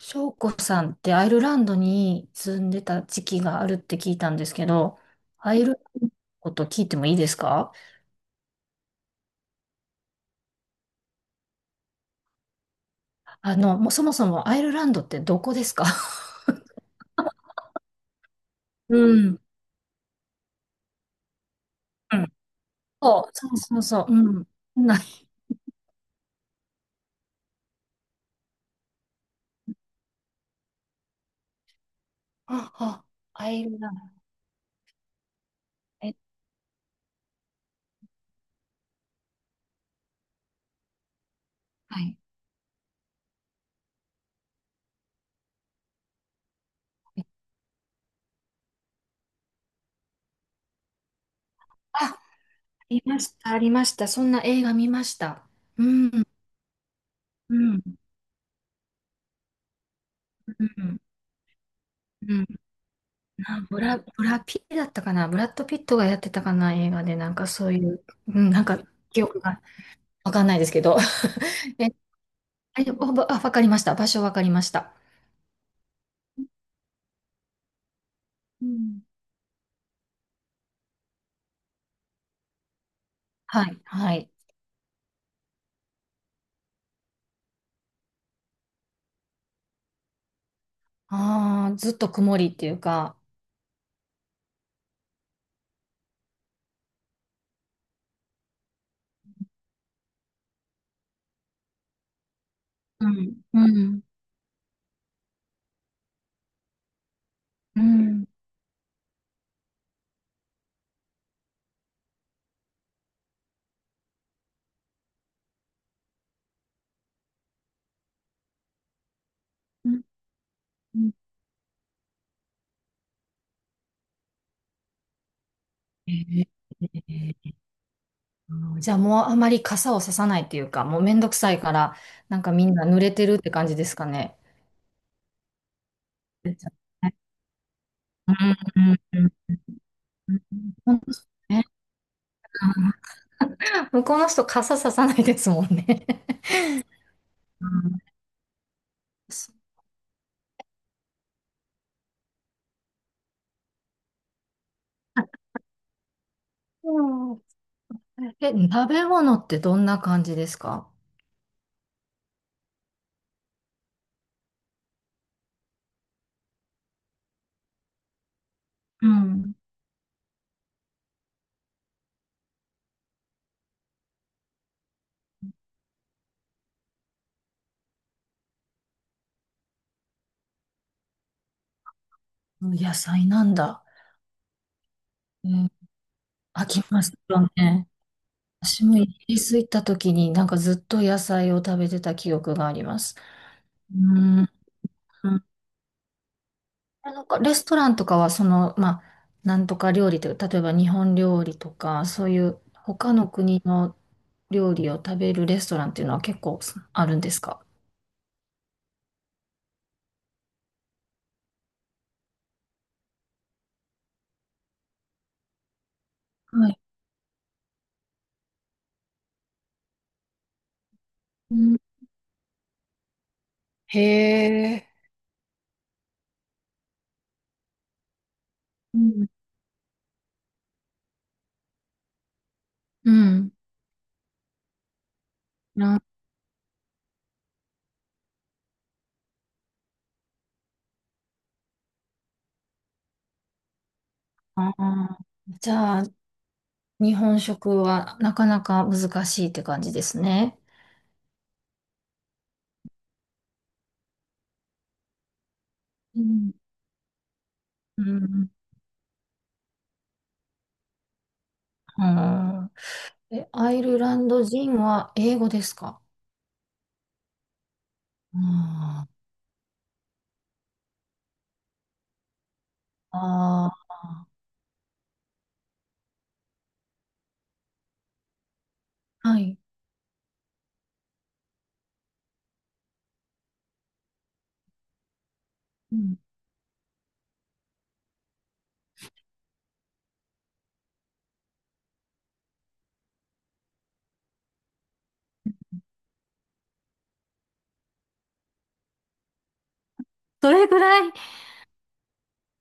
翔子さんってアイルランドに住んでた時期があるって聞いたんですけど、アイルランドのこと聞いてもいいですか？もうそもそもアイルランドってどこですか？ うん。うん。そう、そうそうそう。うん。ない。あ、あ、アイルランド。え、はい。え、あ、ありました、ありました。そんな映画見ました。うん、うん、うん、うん。ブラピだったかな、ブラッド・ピットがやってたかな、映画で、なんかそういう、うん、なんか記憶がわかんないですけど。え、あ、あ、わかりました。場所わかりました。うん。はい、はい。ああ、ずっと曇りっていうか、うん。うん、うん。うん、うん。えー、えー、じゃあもうあまり傘をささないっていうか、もうめんどくさいから、なんかみんな濡れてるって感じですかね。ですよね。うん、うん、うん、うん。本当ですね。うん。向こうの人傘ささないですもんね。うん。そう。え、食べ物ってどんな感じですか？うん。野菜なんだ。うん。飽きますよね。私もイギリス行った時になんかずっと野菜を食べてた記憶があります。うん。うん。なんかレストランとかはその、まあ、なんとか料理という、例えば日本料理とか、そういう他の国の料理を食べるレストランっていうのは結構あるんですか？はい。うん。へえ。うん。うん。なあー、じゃあ、日本食はなかなか難しいって感じですね。うん。うん。うん。え、アイルランド人は英語ですか？うん。あ、あー、はい。うん。どれぐらい、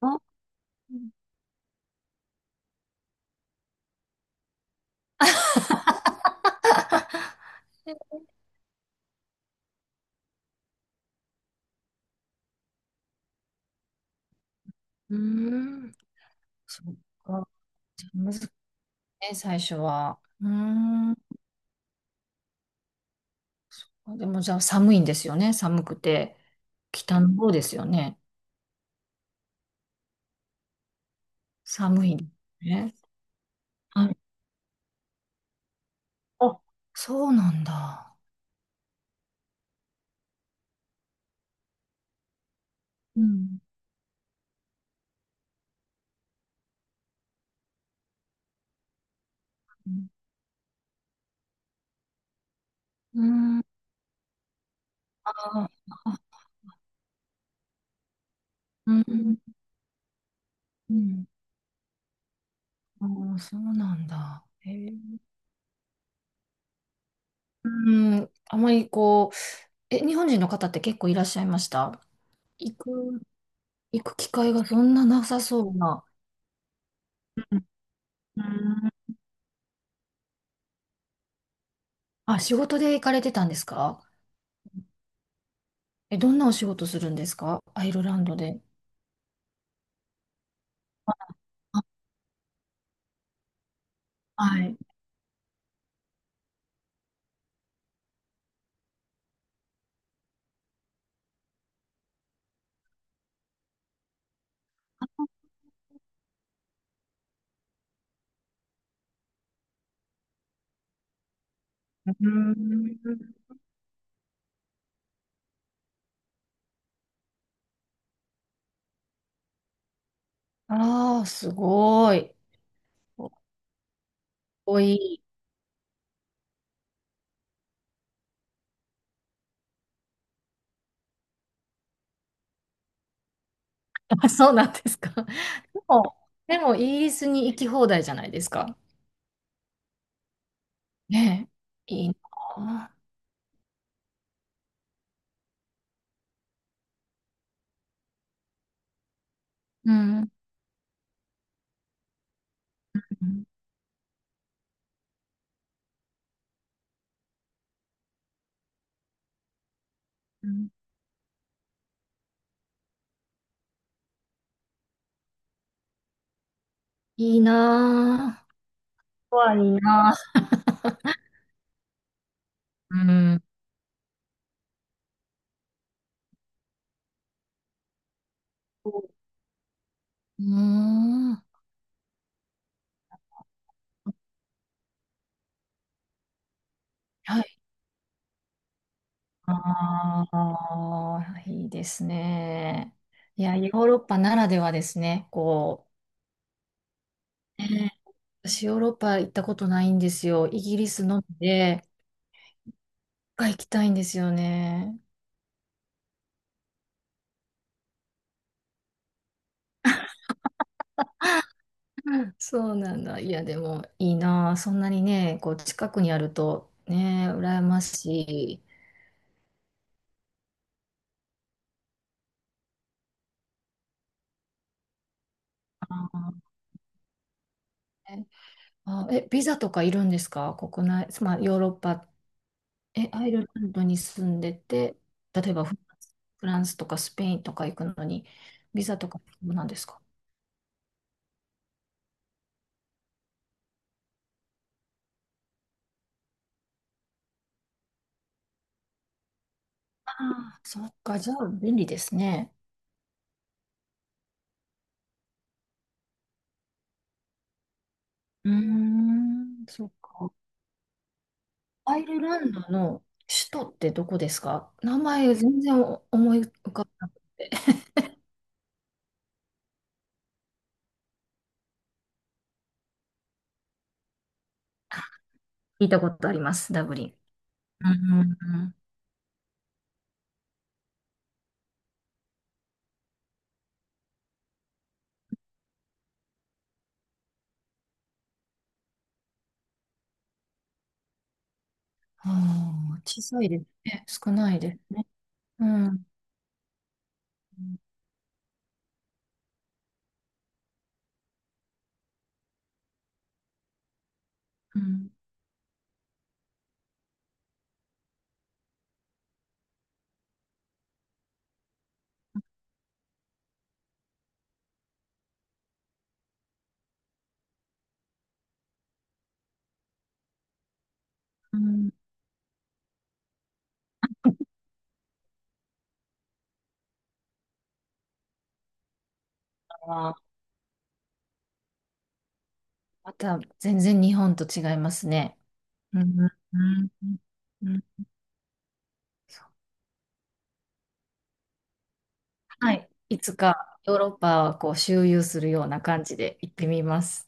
あ。 うん。そっか。じゃあ難しいね、最初は。うん。でもじゃあ寒いんですよね。寒くて。北の方ですよね。寒いね。はい。あ、そうなんだ。うん。うん。うん。ああ、うん。うん。ああ、そうなんだ。へえ。うん。あまりこう、え、日本人の方って結構いらっしゃいました？行く、行く機会がそんななさそうな。うん。あ、仕事で行かれてたんですか？え、どんなお仕事するんですか、アイルランドで。あ、はい。うん。ああ、すごい。かっこいい。あ、そうなんですか。でも、でもイギリスに行き放題じゃないですか。ねえ、いいなあ。うん。うん。うん。いいなぁ。コアいいなあ。うん。うーん。はい。ああ、いいですね。いや、ヨーロッパならではですね。こう、ね、私ヨーロッパ行ったことないんですよ。イギリスのみで、が行きたいんですよね。そうなんだ。いや、でもいいなあ、そんなにね、こう近くにあるとね、羨ましい。あー、あ、え、ビザとかいるんですか、国内、まあ、ヨーロッパ、え、アイルランドに住んでて、例えばフランスとかスペインとか行くのに、ビザとか必要なんですか？ああ、そっか、じゃあ便利ですね。うーん、そっか。アイルランドの首都ってどこですか？名前全然思い浮かばなくて。聞いたことあります、ダブリン。うん、うん、うん。ああ、小さいですね。少ないですね。うん。うん。うん。あ、また全然日本と違いますね。うん、うん、うん、うん、はい。いつかヨーロッパをこう周遊するような感じで行ってみます。